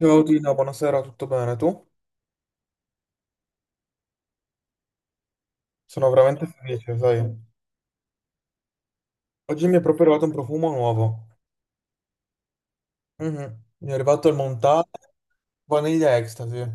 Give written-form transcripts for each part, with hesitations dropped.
Ciao Tina, buonasera, tutto bene? Tu? Sono veramente felice, sai. Oggi mi è proprio arrivato un profumo nuovo. Mhm. Mi è arrivato il Montale Vaniglia Ecstasy.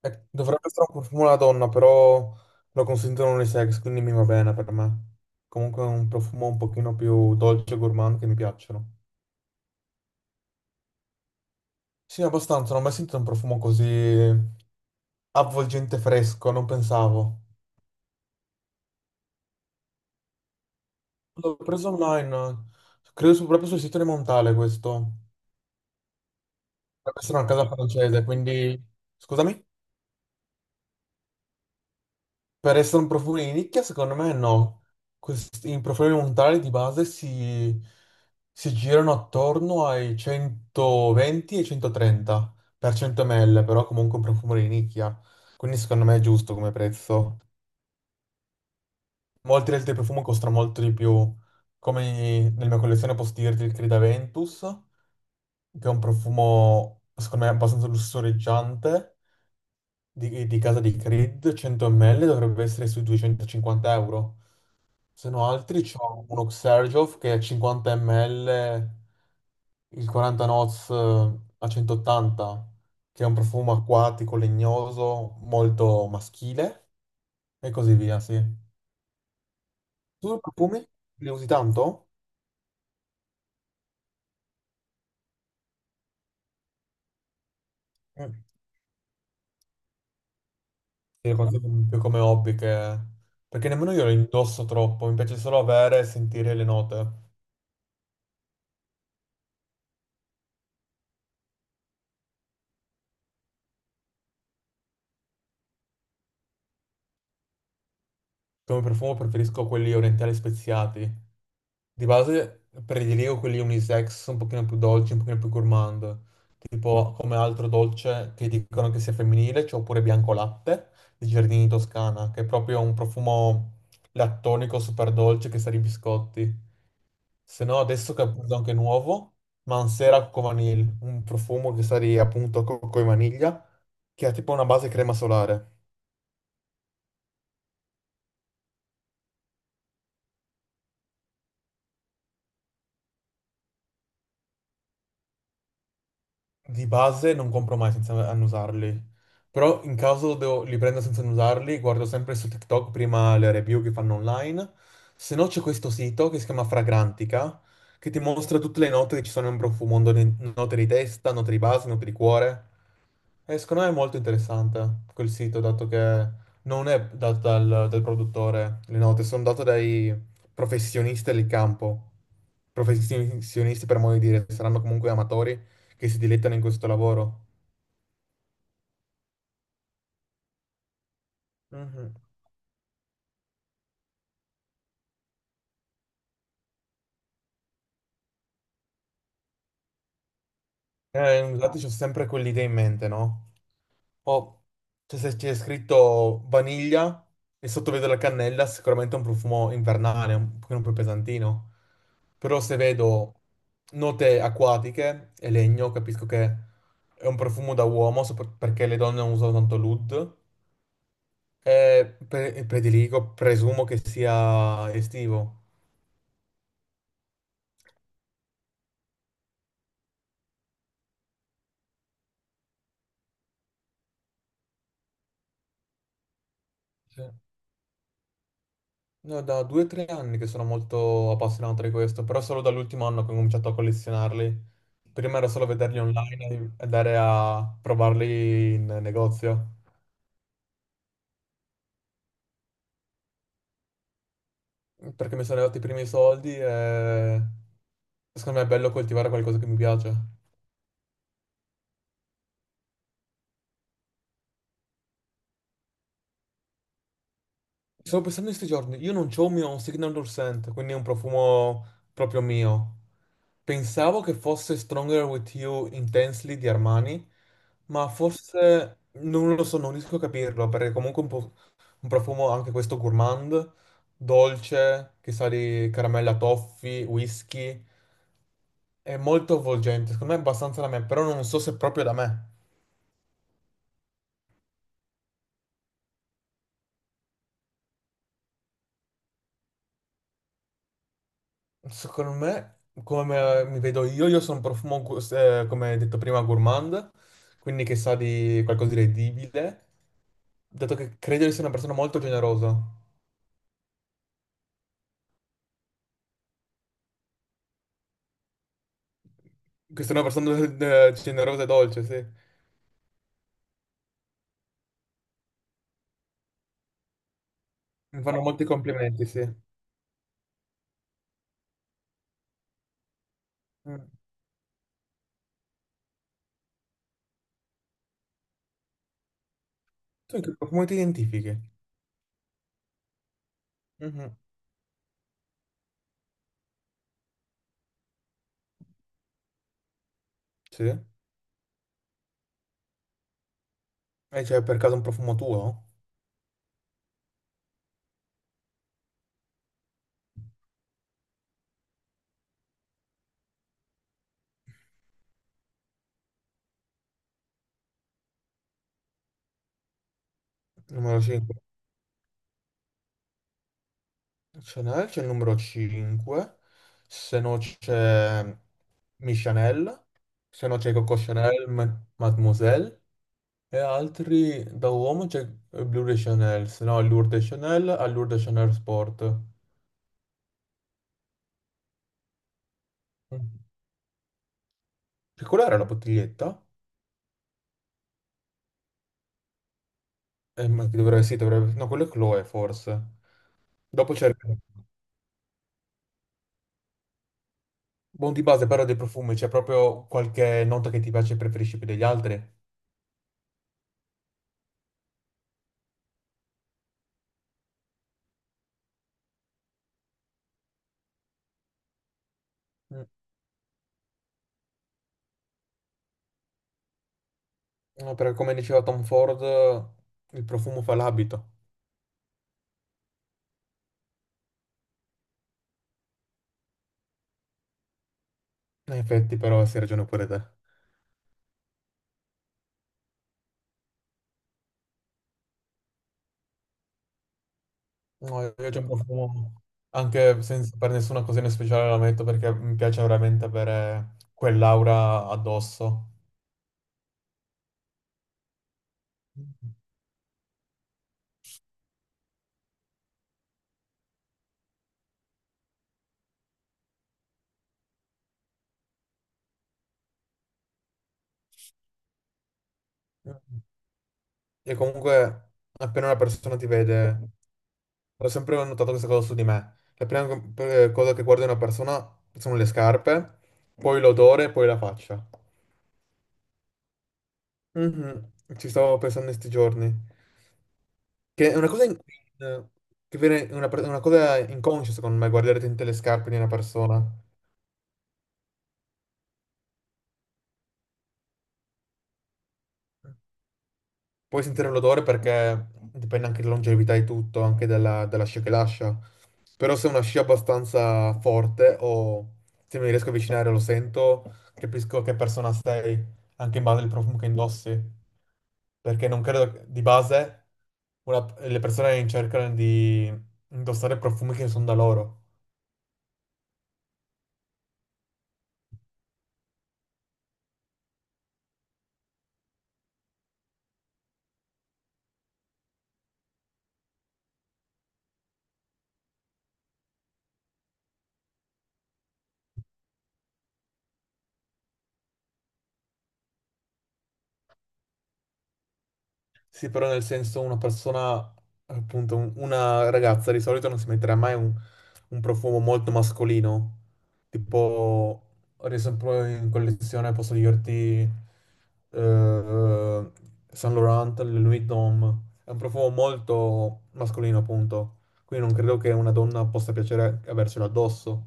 E dovrebbe essere un profumo alla donna, però lo consentono unisex, quindi mi va bene per me. Comunque è un profumo un pochino più dolce e gourmand che mi piacciono. Sì, abbastanza, non ho mai sentito un profumo così avvolgente fresco, non pensavo. L'ho preso online, credo proprio sul sito di Montale questo. Per essere una casa francese, quindi... Scusami? Per essere un profumo di nicchia, secondo me no. Questi, i profumi montali di base si girano attorno ai 120 e 130 per 100 ml, però comunque un profumo di nicchia. Quindi secondo me è giusto come prezzo. Molti altri profumi costano molto di più. Come nella mia collezione posso dirti il Creed Aventus, che è un profumo, secondo me, abbastanza lussureggiante di casa di Creed 100 ml dovrebbe essere sui 250 euro. Se no altri c'è uno Xerjof che è 50 ml, il 40 Noz a 180, che è un profumo acquatico, legnoso, molto maschile e così via, sì. Tu i profumi li usi tanto? Mm. Li consumi più come hobby che... Perché nemmeno io li indosso troppo, mi piace solo avere e sentire le note. Come profumo preferisco quelli orientali speziati. Di base prediligo quelli unisex un pochino più dolci, un pochino più gourmand, tipo come altro dolce che dicono che sia femminile, c'è oppure bianco latte di Giardini Toscana, che è proprio un profumo lattonico super dolce che sa di biscotti. Se no adesso che appunto anche nuovo, Mansera Cocco Vanille, un profumo che sa di appunto cocco e vaniglia, che ha tipo una base crema solare. Di base non compro mai senza annusarli, però in caso li prendo senza annusarli, guardo sempre su TikTok prima le review che fanno online, se no c'è questo sito che si chiama Fragrantica, che ti mostra tutte le note che ci sono in profumo, note di testa, note di base, note di cuore. E secondo me è molto interessante quel sito, dato che non è dato dal produttore le note, sono date dai professionisti del campo. Professionisti, per modo di dire, saranno comunque amatori che si dilettano in questo lavoro. Mhm. Infatti c'ho sempre quell'idea in mente, no? Oh, cioè, se c'è scritto vaniglia e sotto vedo la cannella, sicuramente è un profumo invernale, un pochino più pesantino. Però se vedo note acquatiche e legno, capisco che è un profumo da uomo, perché le donne non usano tanto l'oud, e prediligo, presumo che sia estivo. Sì. No, da due o tre anni che sono molto appassionato di questo, però solo dall'ultimo anno che ho cominciato a collezionarli. Prima era solo vederli online e andare a provarli in negozio, perché mi sono arrivati i primi soldi e secondo me è bello coltivare qualcosa che mi piace. Stavo pensando in questi giorni, io non c'ho un mio Signature Scent, quindi è un profumo proprio mio. Pensavo che fosse Stronger With You Intensely di Armani, ma forse non lo so, non riesco a capirlo, perché comunque è un, un profumo anche questo gourmand, dolce, che sa di caramella toffee, whisky. È molto avvolgente, secondo me è abbastanza da me, però non so se è proprio da me. Secondo me, come mi vedo io sono un profumo, come detto prima, gourmand, quindi che sa di qualcosa di edibile, dato che credo di essere una persona molto generosa. Che sono una persona generosa e dolce, sì. Mi fanno molti complimenti, sì. Mm. Tu in che profumo ti identifichi? Mhm. Sì. E c'è per caso un profumo tuo? Numero 5. Chanel, c'è il numero 5. Se no c'è Mi Chanel. Se no c'è Coco Chanel, Mademoiselle. E altri da uomo c'è Blue de Chanel. Se no Allure de Chanel, Allure de Chanel Sport. Mm. Che quella era la bottiglietta? Ma che dovrebbe, sì, dovrebbe... No, quello è Chloe, forse. Dopo c'è... Buon di base, però dei profumi, c'è proprio qualche nota che ti piace e preferisci più degli altri? No, perché come diceva Tom Ford, il profumo fa l'abito. In effetti, però, sì, hai ragione pure te. No, io c'ho un profumo, anche senza, per nessuna occasione speciale la metto perché mi piace veramente avere quell'aura addosso. E comunque, appena una persona ti vede, ho sempre notato questa cosa su di me. La prima cosa che guardo in una persona sono le scarpe, poi l'odore, poi la faccia. Mhm. Ci stavo pensando in questi giorni. Che è una cosa, è una, è una cosa inconscia, secondo me, guardare dentro le scarpe di una persona. Puoi sentire l'odore perché dipende anche dalla longevità e tutto, anche dalla scia che lascia. Però se è una scia abbastanza forte o se mi riesco a avvicinare lo sento, capisco che persona sei, anche in base al profumo che indossi. Perché non credo di base le persone cercano di indossare profumi che sono da loro. Sì, però nel senso una persona, appunto, una ragazza di solito non si metterà mai un profumo molto mascolino. Tipo, ad esempio in collezione posso dirti eh, Saint Laurent, le Louis Vuitton. È un profumo molto mascolino, appunto. Quindi non credo che una donna possa piacere avercelo addosso.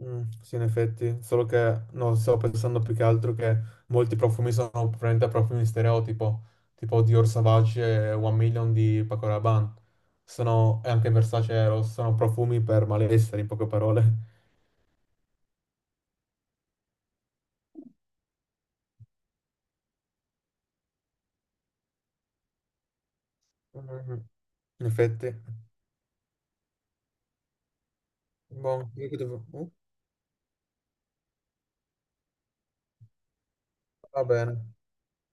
Mm, sì, in effetti, solo che no, stavo pensando più che altro che molti profumi sono probabilmente profumi stereotipo, tipo Dior Sauvage e One Million di Paco Rabanne, sono, e anche Versace Eros, sono profumi per malessere, in poche parole. Mhm. In effetti, boh, io che va bene,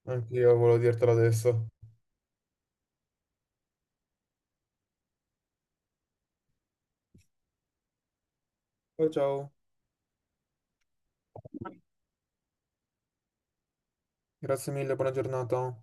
anch'io volevo dirtelo adesso. Ciao ciao, grazie mille, buona giornata.